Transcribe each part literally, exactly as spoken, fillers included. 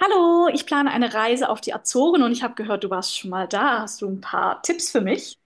Hallo, ich plane eine Reise auf die Azoren und ich habe gehört, du warst schon mal da. Hast du ein paar Tipps für mich?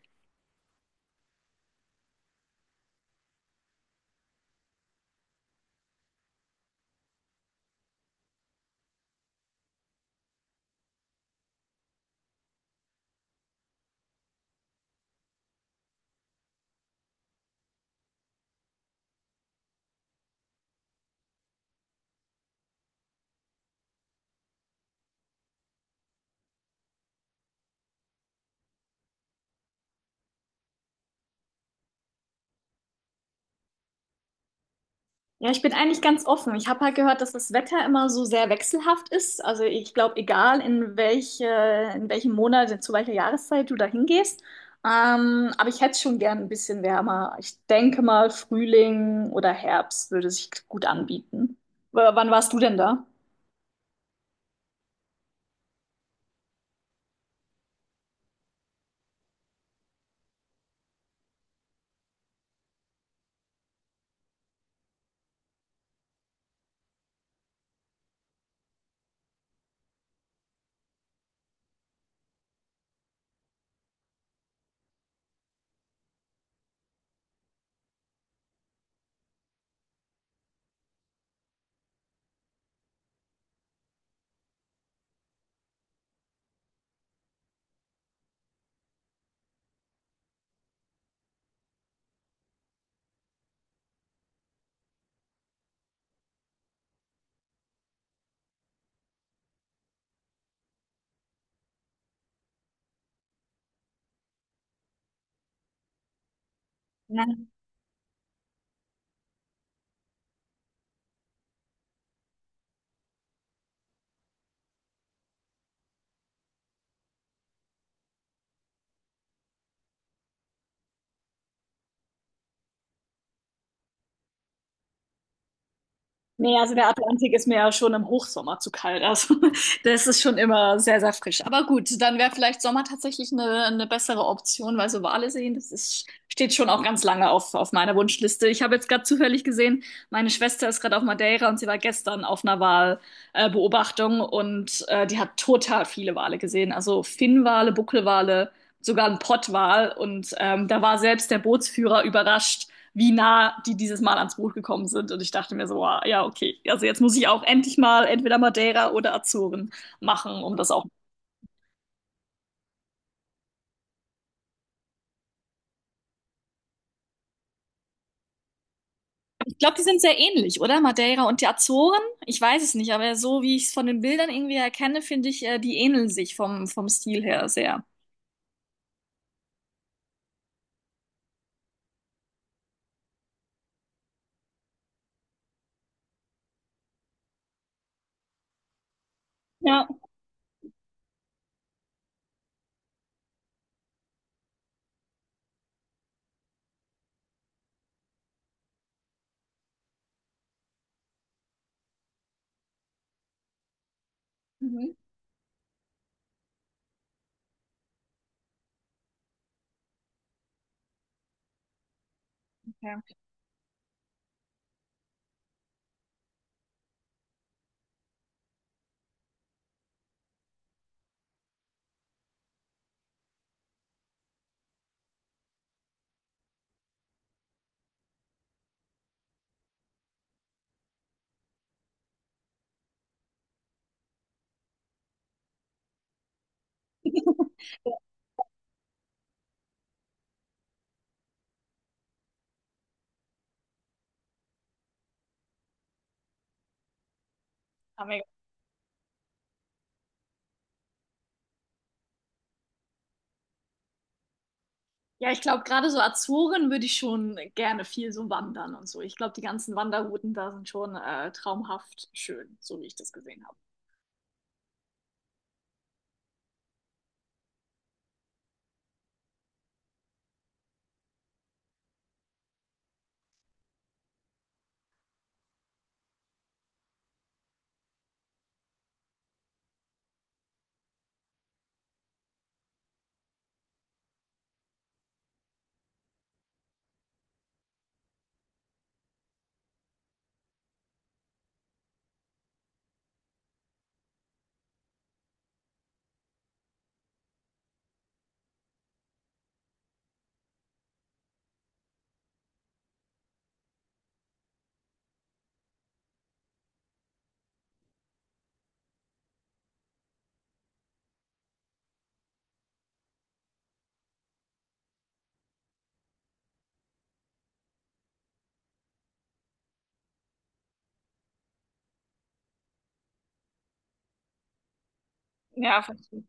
Ja, ich bin eigentlich ganz offen. Ich habe halt gehört, dass das Wetter immer so sehr wechselhaft ist. Also ich glaube, egal in welche, in welchem Monat, zu welcher Jahreszeit du da hingehst. Ähm, aber ich hätte schon gern ein bisschen wärmer. Ich denke mal, Frühling oder Herbst würde sich gut anbieten. W wann warst du denn da? Nee, also der Atlantik ist mir ja schon im Hochsommer zu kalt. Also das ist schon immer sehr, sehr frisch. Aber gut, dann wäre vielleicht Sommer tatsächlich eine, eine bessere Option, weil so Wale sehen, das ist, steht schon auch ganz lange auf, auf meiner Wunschliste. Ich habe jetzt gerade zufällig gesehen, meine Schwester ist gerade auf Madeira und sie war gestern auf einer Walbeobachtung äh, Beobachtung und äh, die hat total viele Wale gesehen. Also Finnwale, Buckelwale, sogar ein Pottwal. Und ähm, da war selbst der Bootsführer überrascht, wie nah die dieses Mal ans Boot gekommen sind. Und ich dachte mir so, wow, ja, okay. Also jetzt muss ich auch endlich mal entweder Madeira oder Azoren machen, um das auch. Ich glaube, die sind sehr ähnlich, oder? Madeira und die Azoren? Ich weiß es nicht, aber so wie ich es von den Bildern irgendwie erkenne, finde ich, äh, die ähneln sich vom, vom Stil her sehr. Ja. Mhm. Ja. Ah, mega. Ja, ich glaube, gerade so Azoren würde ich schon gerne viel so wandern und so. Ich glaube, die ganzen Wanderrouten da sind schon äh, traumhaft schön, so wie ich das gesehen habe. Ja, verstehe.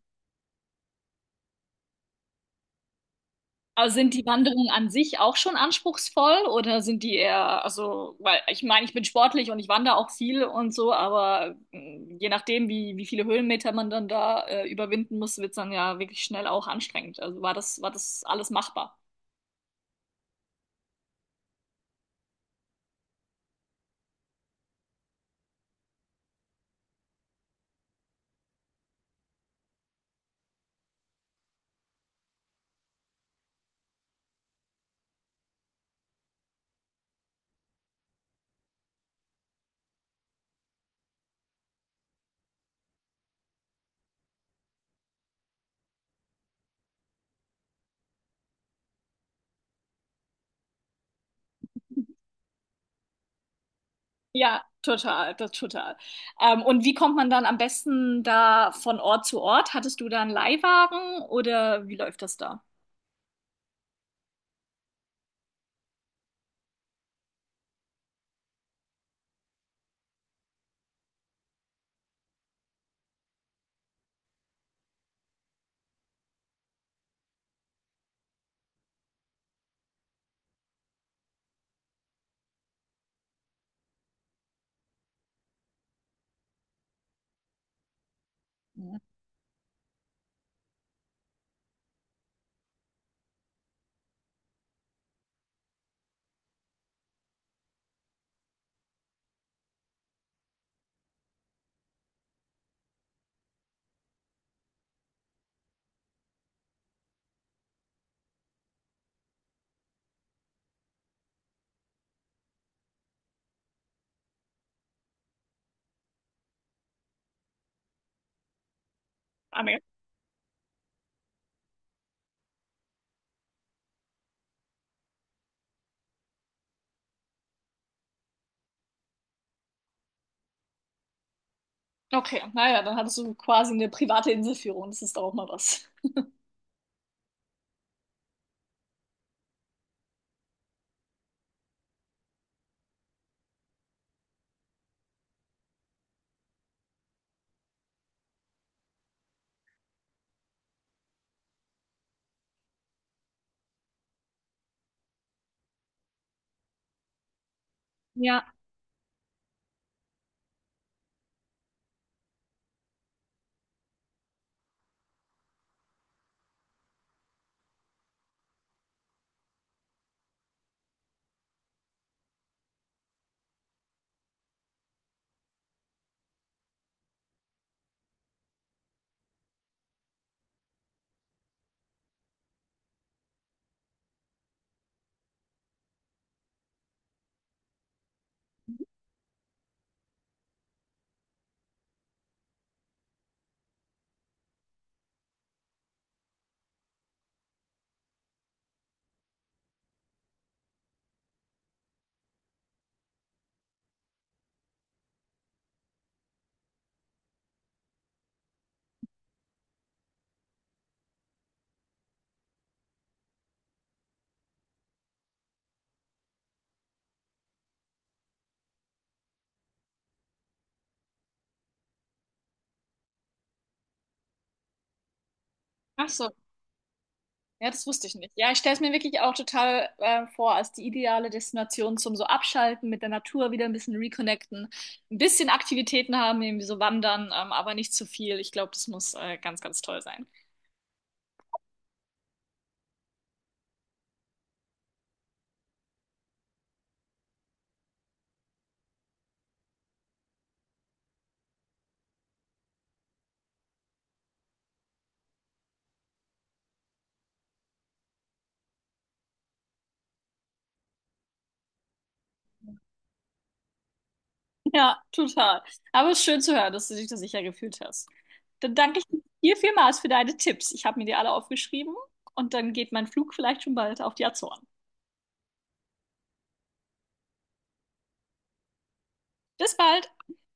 Aber sind die Wanderungen an sich auch schon anspruchsvoll oder sind die eher, also, weil ich meine, ich bin sportlich und ich wandere auch viel und so, aber mh, je nachdem, wie, wie viele Höhenmeter man dann da äh, überwinden muss, wird es dann ja wirklich schnell auch anstrengend. Also war das, war das alles machbar? Ja, total, das total. Ähm, und wie kommt man dann am besten da von Ort zu Ort? Hattest du da einen Leihwagen oder wie läuft das da? Ja. Ah, nee. Okay, naja, dann hattest du quasi eine private Inselführung. Das ist doch auch mal was. Ja, ach so. Ja, das wusste ich nicht. Ja, ich stelle es mir wirklich auch total äh, vor als die ideale Destination zum so Abschalten, mit der Natur wieder ein bisschen reconnecten, ein bisschen Aktivitäten haben, irgendwie so wandern, ähm, aber nicht zu viel. Ich glaube, das muss äh, ganz, ganz toll sein. Ja, total. Aber es ist schön zu hören, dass du dich da sicher gefühlt hast. Dann danke ich dir vielmals für deine Tipps. Ich habe mir die alle aufgeschrieben und dann geht mein Flug vielleicht schon bald auf die Azoren. Bis bald!